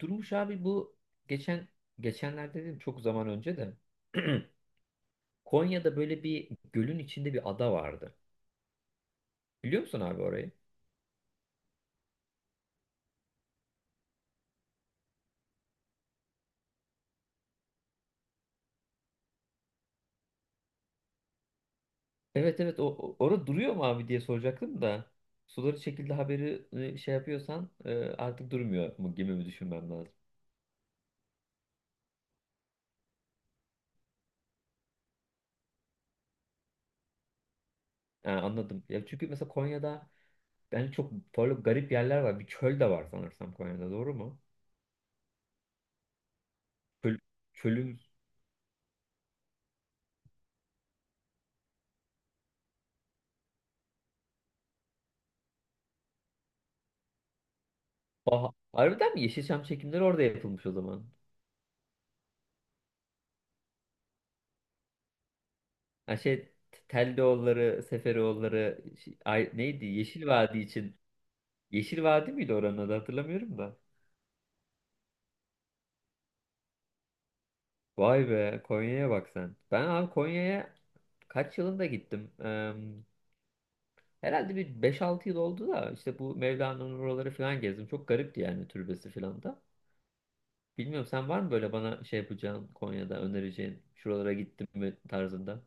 Durmuş abi bu geçen geçenlerde dedim, çok zaman önce de Konya'da böyle bir gölün içinde bir ada vardı. Biliyor musun abi orayı? Evet, evet, orada duruyor mu abi diye soracaktım da suları çekildi haberi şey yapıyorsan artık durmuyor mu gibi mi düşünmem lazım. Ha, anladım. Ya çünkü mesela Konya'da yani çok böyle garip yerler var. Bir çöl de var sanırsam Konya'da, doğru mu? Çöl, çölüm. Aha, harbiden mi? Yeşilçam çekimleri orada yapılmış o zaman. Ha, şey, Teldeoğulları, Seferoğulları şey, ay, neydi? Yeşil Vadi için. Yeşil Vadi miydi oranın adı, hatırlamıyorum da. Vay be, Konya'ya bak sen. Ben abi Konya'ya kaç yılında gittim? Herhalde bir beş altı yıl oldu da işte bu Mevlana'nın oraları falan gezdim. Çok garipti yani türbesi falan da. Bilmiyorum, sen var mı böyle bana şey yapacağın, Konya'da önereceğin, şuralara gittim mi tarzında?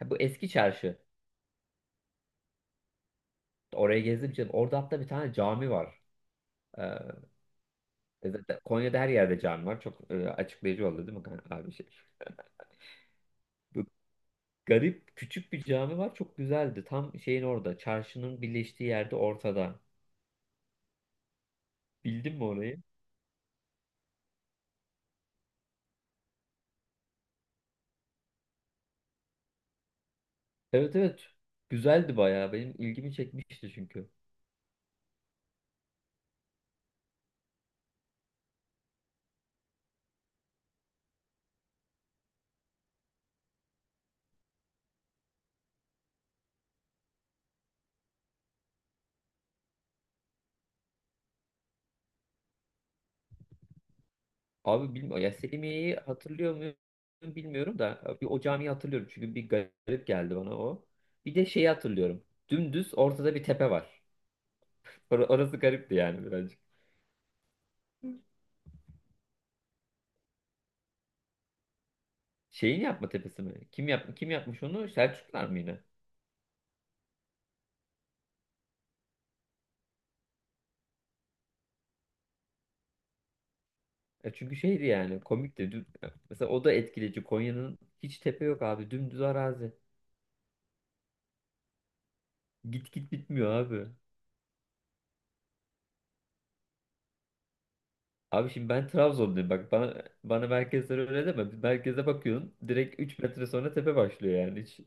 Ha, bu eski çarşı. Oraya gezdim canım. Orada hatta bir tane cami var. E zaten Konya'da her yerde cami var. Çok açıklayıcı oldu değil mi kan- abi şey? Bu garip küçük bir cami var. Çok güzeldi. Tam şeyin orada. Çarşının birleştiği yerde ortada. Bildin mi orayı? Evet, evet. Güzeldi bayağı. Benim ilgimi çekmişti çünkü. Abi bilmiyorum. Ya Selimiye'yi hatırlıyor muyum bilmiyorum da. Bir o camiyi hatırlıyorum. Çünkü bir garip geldi bana o. Bir de şeyi hatırlıyorum. Dümdüz ortada bir tepe var. Orası garipti yani birazcık. Şeyin yapma tepesi mi? Kim yapmış onu? Selçuklar mı yine? E çünkü şeydi yani komikti. Düm- Mesela o da etkileyici. Konya'nın hiç tepe yok abi. Dümdüz arazi. Git git bitmiyor abi. Abi şimdi ben Trabzonluyum. Bak bana merkezler öyle deme. Merkeze bakıyorsun. Direkt 3 metre sonra tepe başlıyor yani. Hiç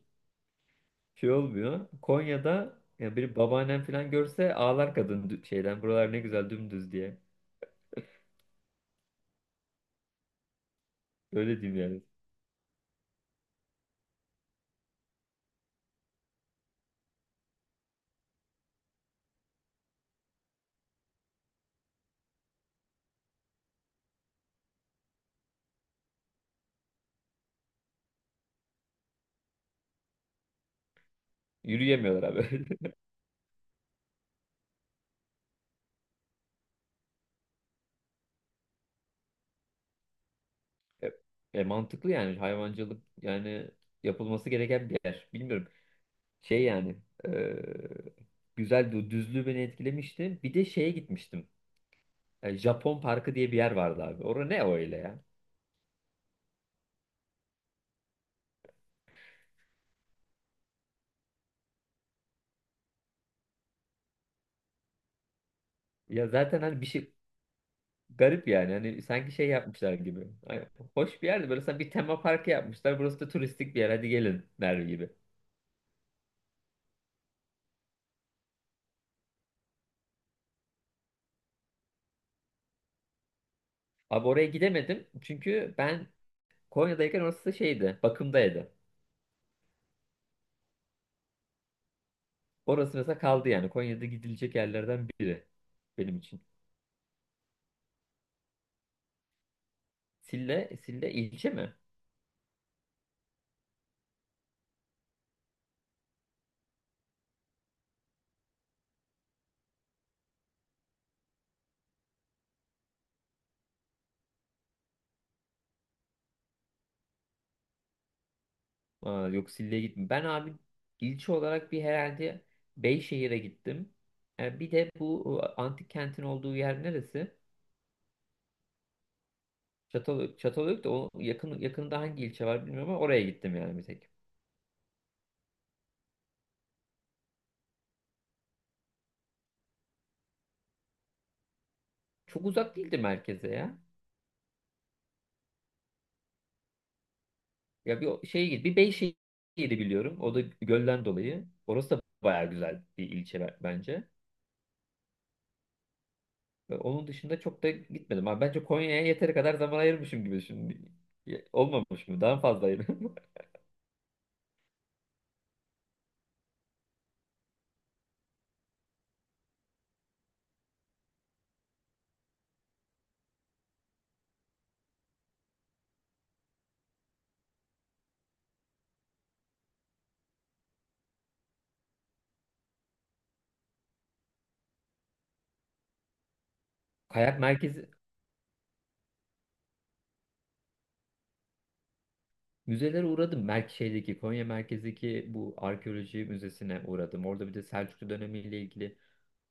şey olmuyor. Konya'da ya bir babaannem falan görse ağlar kadın dü- şeyden. Buralar ne güzel dümdüz diye. Öyle diyeyim yani. Yürüyemiyorlar abi. E, mantıklı yani hayvancılık yani yapılması gereken bir yer. Bilmiyorum. Şey yani, e, güzel bir düzlüğü beni etkilemişti. Bir de şeye gitmiştim. E, Japon Parkı diye bir yer vardı abi. Orada ne öyle ya? Ya zaten hani bir şey garip yani. Hani sanki şey yapmışlar gibi. Hani hoş bir yerdi. Böyle sanki bir tema parkı yapmışlar. Burası da turistik bir yer. Hadi gelin der gibi. Abi oraya gidemedim. Çünkü ben Konya'dayken orası da şeydi. Bakımdaydı. Orası mesela kaldı yani. Konya'da gidilecek yerlerden biri benim için. Sille, Sille ilçe mi? Aa, yok, Sille'ye gittim. Ben abi ilçe olarak bir herhalde Beyşehir'e gittim. E, bir de bu antik kentin olduğu yer neresi? Çatalhöyük. Çatalhöyük de o yakın, yakında hangi ilçe var bilmiyorum ama oraya gittim yani bir tek. Çok uzak değildi merkeze ya. Ya bir o- şeye git. Bir Beyşehir'i biliyorum. O da gölden dolayı. Orası da baya güzel bir ilçe be- bence. Ve onun dışında çok da gitmedim. Abi bence Konya'ya yeteri kadar zaman ayırmışım gibi şimdi. Olmamış mı? Daha fazla ayırdım. Kayak merkezi. Müzelere uğradım. Merk şeydeki, Konya merkezdeki bu arkeoloji müzesine uğradım. Orada bir de Selçuklu dönemiyle ilgili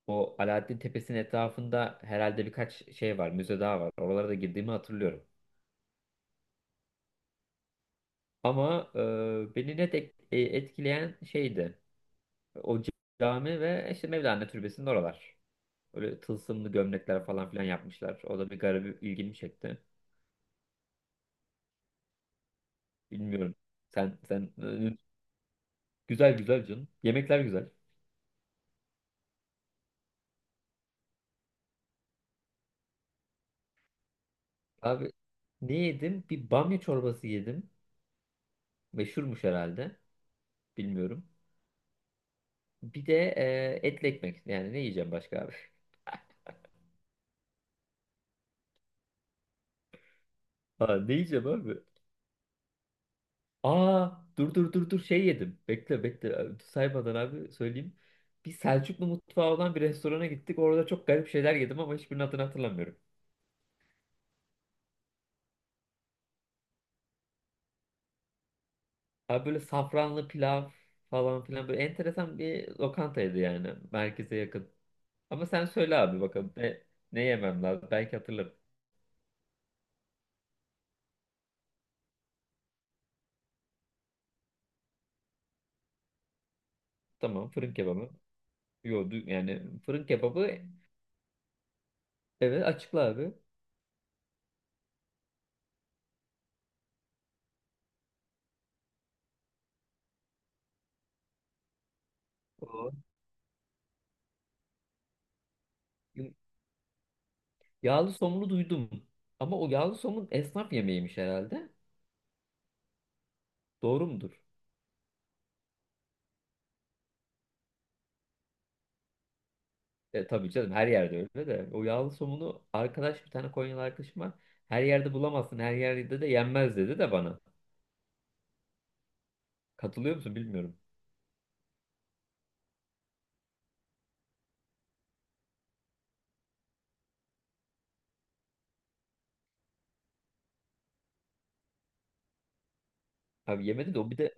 o Alaaddin Tepesi'nin etrafında herhalde birkaç şey var, müze daha var. Oralara da girdiğimi hatırlıyorum. Ama beni net ek- etkileyen şeydi. O cami ve işte Mevlana Türbesi'nin oralar. Öyle tılsımlı gömlekler falan filan yapmışlar. O da bir garip ilgimi çekti. Bilmiyorum. Sen e, güzel güzel canım. Yemekler güzel. Abi ne yedim? Bir bamya çorbası yedim. Meşhurmuş herhalde. Bilmiyorum. Bir de etli ekmek. Yani ne yiyeceğim başka abi? Ha, ne yiyeceğim abi? Aa, dur, şey yedim. Bekle, saymadan abi söyleyeyim. Bir Selçuklu mutfağı olan bir restorana gittik. Orada çok garip şeyler yedim ama hiçbirinin adını hatırlamıyorum. Abi böyle safranlı pilav falan filan, böyle enteresan bir lokantaydı yani. Merkeze yakın. Ama sen söyle abi bakalım ne yemem lazım. Belki hatırlarım. Tamam, fırın kebabı. Yo, du- yani fırın kebabı. Evet, açıkla abi. O. Yağlı somunu duydum. Ama o yağlı somun esnaf yemeğiymiş herhalde. Doğru mudur? E, tabii canım, her yerde öyle de. O yağlı somunu arkadaş, bir tane Konyalı arkadaşım var. Her yerde bulamazsın. Her yerde de yenmez dedi de bana. Katılıyor musun bilmiyorum. Abi yemedi de o bir de.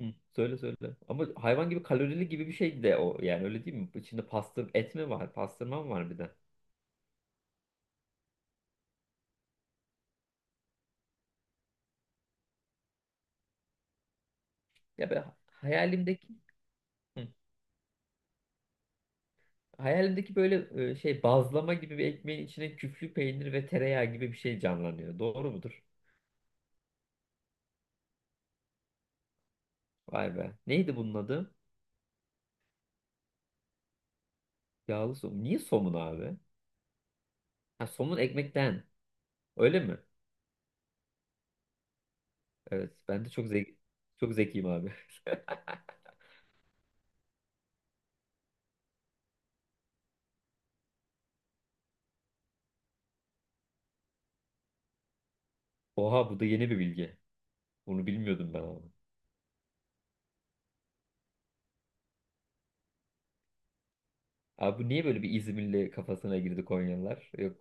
Hı, söyle söyle. Ama hayvan gibi kalorili gibi bir şey de o. Yani öyle değil mi? İçinde pastır et mi var? Pastırma mı var bir de? Ya ben hayalimdeki. Hı. Hayalimdeki böyle, şey, bazlama gibi bir ekmeğin içine küflü peynir ve tereyağı gibi bir şey canlanıyor. Doğru mudur? Vay be. Neydi bunun adı? Yağlı somun. Niye somun abi? Ha, somun ekmekten. Öyle mi? Evet. Ben de çok zeki, çok zekiyim abi. Oha, bu da yeni bir bilgi. Bunu bilmiyordum ben abi. Abi bu niye böyle bir İzmirli kafasına girdi Konyalılar? Yok.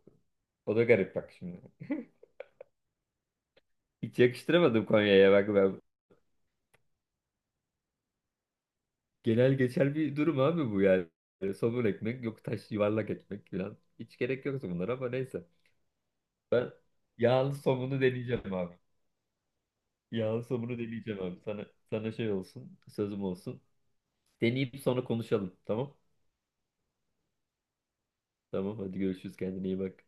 O da garip bak şimdi. Hiç yakıştıramadım Konya'ya, bak ben. Genel geçer bir durum abi bu yani. Yani somun ekmek yok, taş, yuvarlak ekmek falan. Hiç gerek yok bunlara ama neyse. Yağlı somunu deneyeceğim abi. Yağlı somunu deneyeceğim abi. Sana şey olsun, sözüm olsun. Deneyip sonra konuşalım. Tamam? Tamam, hadi görüşürüz, kendine iyi bak.